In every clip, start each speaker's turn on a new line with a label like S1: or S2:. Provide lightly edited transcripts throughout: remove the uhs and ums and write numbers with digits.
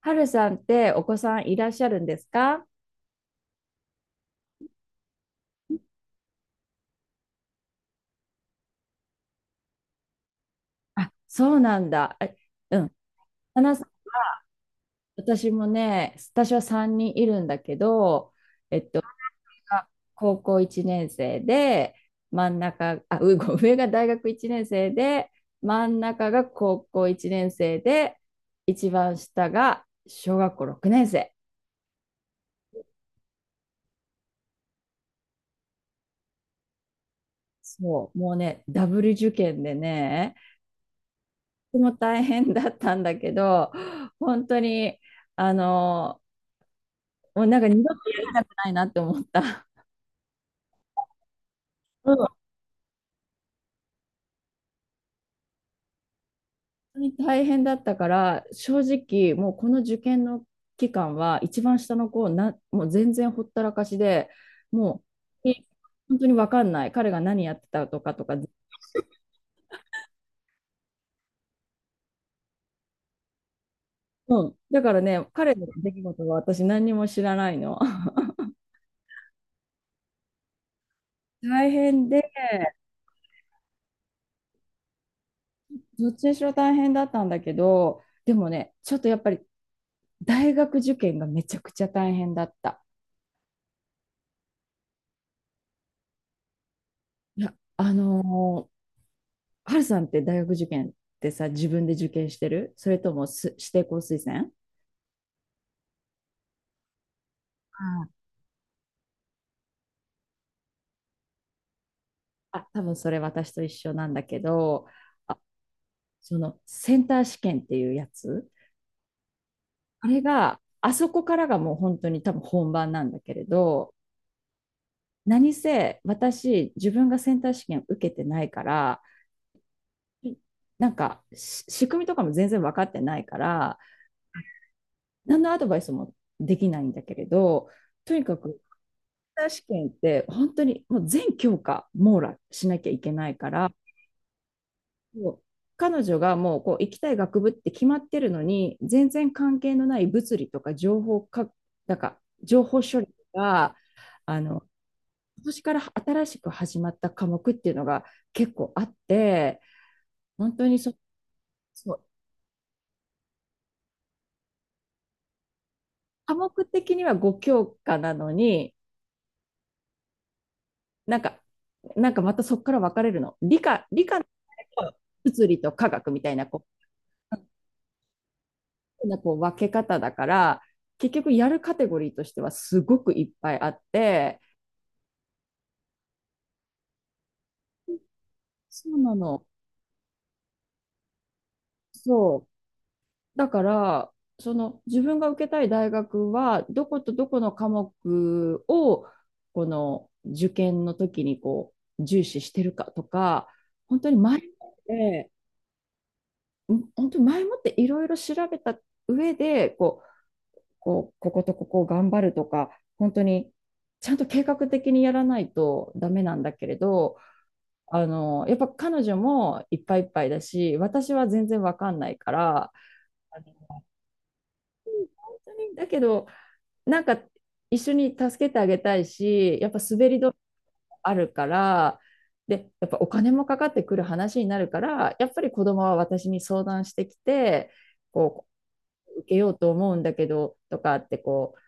S1: はるさんってお子さんいらっしゃるんですか？あ、そうなんだ。あうん。はなさん、私もね、私は3人いるんだけど、上が高校1年生で、真ん中、あ、うご上が大学1年生で、真ん中が高校1年生で、一番下が小学校6年生。そう、もうね、ダブル受験でね、とても大変だったんだけど、本当に、あの、もうなんか二度とやりたくないなって思った。うん。本当に大変だったから、正直、もうこの受験の期間は、一番下の子な、もう全然ほったらかしで、もう、本当に分かんない。彼が何やってたとかとか、うん。だからね、彼の出来事は私何にも知らないの。大変で、どっちにしろ大変だったんだけど、でもね、ちょっとやっぱり大学受験がめちゃくちゃ大変だった。いや、ー春さんって大学受験ってさ、自分で受験してるそれとも指定校推薦？ああ、多分それ私と一緒なんだけど、あ、そのセンター試験っていうやつ、あれが、あそこからがもう本当に多分本番なんだけれど、何せ私、自分がセンター試験受けてないから、なんか仕組みとかも全然分かってないから、何のアドバイスもできないんだけれど、とにかく、ター試験って本当にもう全教科網羅しなきゃいけないから、もう彼女がもうこう行きたい学部って決まってるのに、全然関係のない物理とか情報か、なんか情報処理が、あの、今年から新しく始まった科目っていうのが結構あって、本当にそう、科目的には5教科なのに、なんか、なんかまたそこから分かれるの。理科、理科の物理と科学みたいなこう分け方だから、結局やるカテゴリーとしてはすごくいっぱいあって、そうなの。そう。だから、その自分が受けたい大学は、どことどこの科目を、この受験の時にこう重視してるかとか、本当に前もって、本当に前もっていろいろ調べた上で、こことここを頑張るとか、本当にちゃんと計画的にやらないとダメなんだけれど、やっぱ彼女もいっぱいいっぱいだし、私は全然わかんないから、あの本当に、だけど、なんか一緒に助けてあげたいし、やっぱ滑り止めあるから、で、やっぱお金もかかってくる話になるから、やっぱり子供は私に相談してきて、こ受けようと思うんだけど、とかってこう、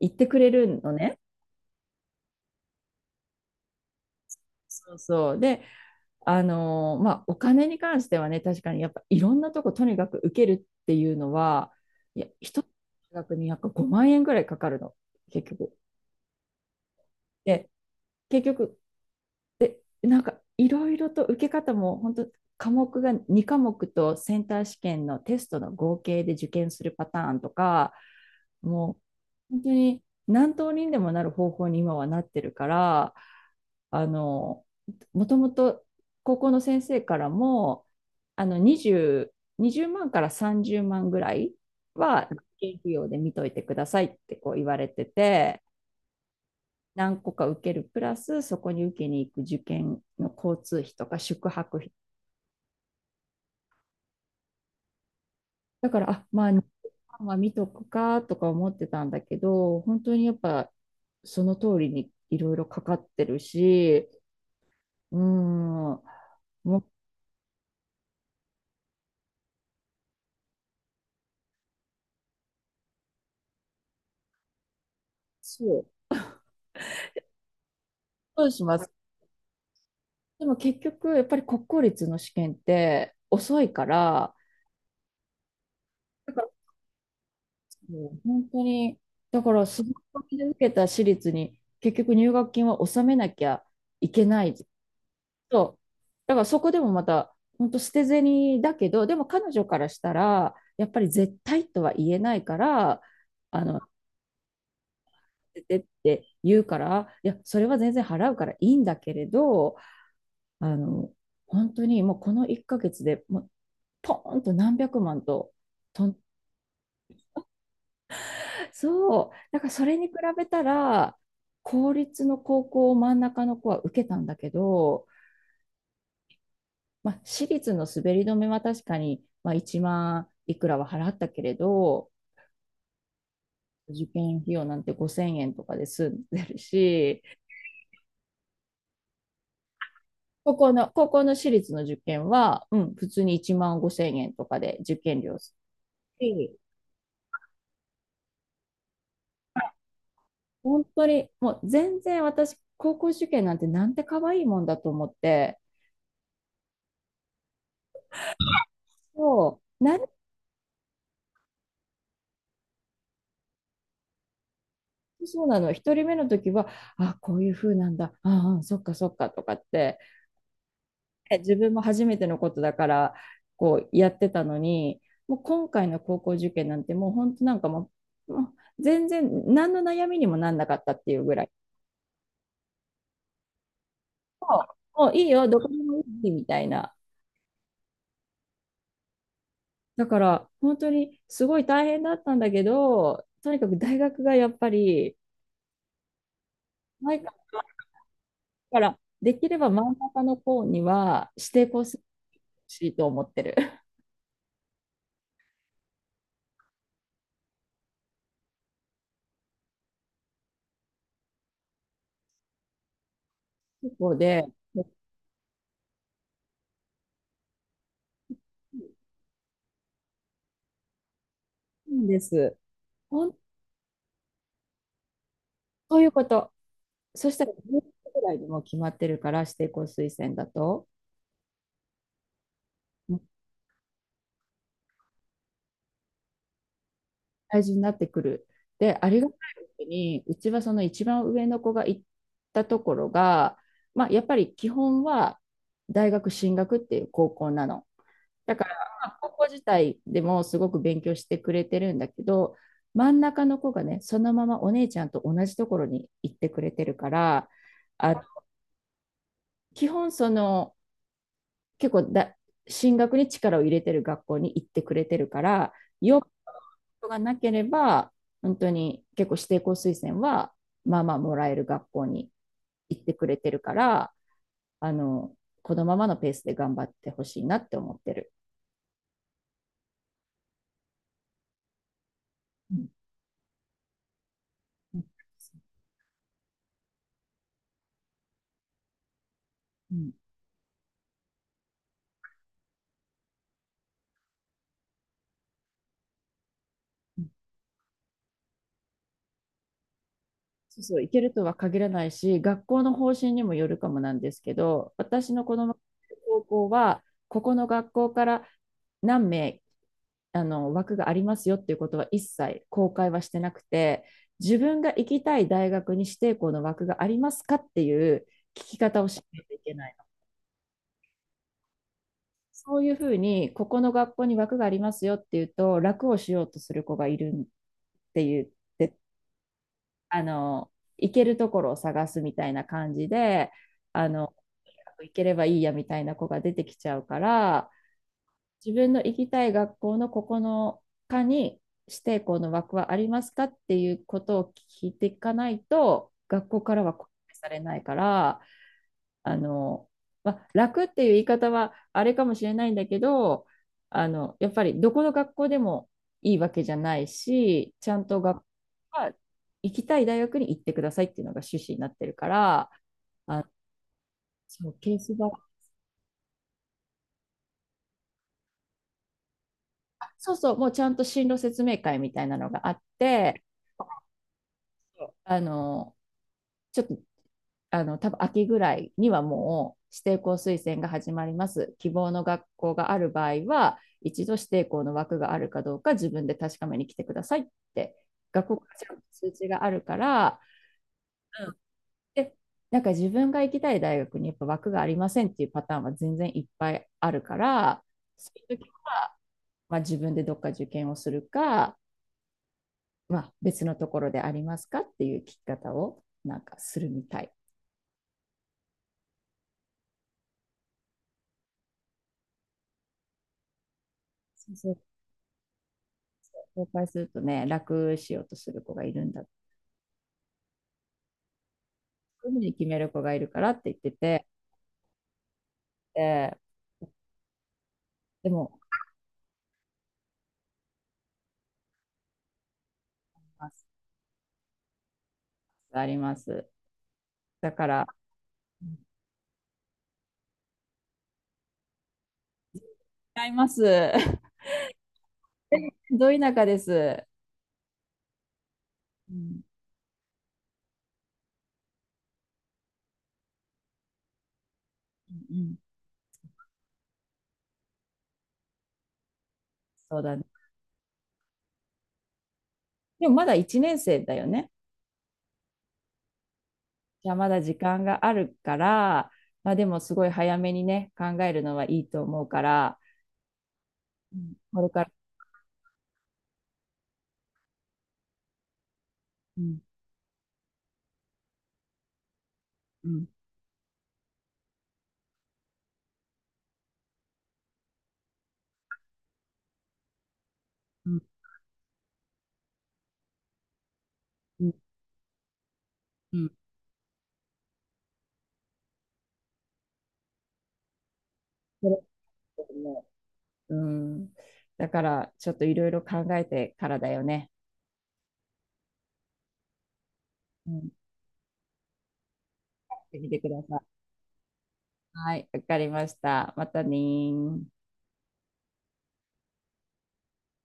S1: 言ってくれるのね。そうそう。で、まあ、お金に関してはね、確かにやっぱいろんなとことにかく受けるっていうのは、いや、一つの大学にやっぱ5万円ぐらいかかるの、結局。で、結局、なんかいろいろと受け方も本当、科目が2科目とセンター試験のテストの合計で受験するパターンとか、もう本当に何通りにでもなる方法に今はなってるから、あのもともと高校の先生からもあの 20, 20万から30万ぐらいは受験費用で見といてくださいってこう言われてて、何個か受けるプラス、そこに受けに行く受験の交通費とか宿泊費。だから、まあ2万は見とくかとか思ってたんだけど、本当にやっぱその通りにいろいろかかってるし、うーん、もう、そう、どうします。でも結局やっぱり国公立の試験って遅いから、だからもう本当に、だからすごいで受けた私立に結局入学金は納めなきゃいけない。そう。だからそこでもまた、本当捨て銭だけど、でも彼女からしたら、やっぱり絶対とは言えないから、捨ててって言うから、いや、それは全然払うからいいんだけれど、あの、本当にもうこの1ヶ月でもう、ポーンと何百万と、とん、そう。だからそれに比べたら、公立の高校を真ん中の子は受けたんだけど、まあ、私立の滑り止めは確かに、まあ、1万いくらは払ったけれど、受験費用なんて5000円とかで済んでるし、高校の私立の受験は、うん、普通に1万5000円とかで受験料するし、本当にもう全然私、高校受験なんてなんて可愛いもんだと思って、そう、そうなの、一人目の時は、あ、こういう風なんだ、ああ、そっかそっかとかって、ね、自分も初めてのことだからこうやってたのに、もう今回の高校受験なんてもう本当、なんかもう全然何の悩みにもなんなかったっていうぐらい、もういいよどこでもいいみたいな。だから本当にすごい大変だったんだけど、とにかく大学がやっぱり前から、できれば真ん中の方には指定校するしいと思ってる。そこで、そうです。本当いうこと。そしたら10月ぐらいでもう決まってるから、指定校推薦だと、もう大事になってくる。で、ありがたいことに、うちはその一番上の子が行ったところが、まあ、やっぱり基本は大学進学っていう高校なの。だから、まあ、高校自体でもすごく勉強してくれてるんだけど、真ん中の子がね、そのままお姉ちゃんと同じところに行ってくれてるから、あ基本その、結構だ進学に力を入れてる学校に行ってくれてるから、よっぽどがなければ、本当に結構指定校推薦は、まあまあもらえる学校に行ってくれてるから、あの、このままのペースで頑張ってほしいなって思ってる。うんうんうん、そうそう、行けるとは限らないし、学校の方針にもよるかもなんですけど、私の子供の高校は、ここの学校から何名枠がありますよっていうことは一切公開はしてなくて、自分が行きたい大学に指定校の枠がありますかっていう聞き方をしないといけない。そういうふうに、ここの学校に枠がありますよっていうと楽をしようとする子がいるって言って、あの行けるところを探すみたいな感じで、あの行ければいいやみたいな子が出てきちゃうから、自分の行きたい学校のここの科に指定校の枠はありますかっていうことを聞いていかないと学校からは公開されないから、あの、まあ、楽っていう言い方はあれかもしれないんだけど、やっぱりどこの学校でもいいわけじゃないし、ちゃんと学校は、行きたい大学に行ってくださいっていうのが趣旨になってるから、あそう、ケースバそうそう、もうちゃんと進路説明会みたいなのがあって、あのちょっと、多分秋ぐらいにはもう指定校推薦が始まります。希望の学校がある場合は、一度指定校の枠があるかどうか自分で確かめに来てくださいって、学校からちゃんと通知があるから、うん、で、なんか自分が行きたい大学にやっぱ枠がありませんっていうパターンは全然いっぱいあるから、そういう時はまあ自分でどっか受験をするか、まあ、別のところでありますかっていう聞き方をなんかするみたい。そうそう、公開するとね、楽しようとする子がいるんだ。そういうふうに決める子がいるからって言ってて、えーでも、あります。あります、だから、違います。ど田舎です。うんうんうん、そうだね。でもまだ1年生だよね。じゃあまだ時間があるから、まあでもすごい早めにね、考えるのはいいと思うから、うんこれから、うんうんうんうんうん、それうん。だから、ちょっといろいろ考えてからだよね。うん。やってみてください。はい、わかりました。またねー。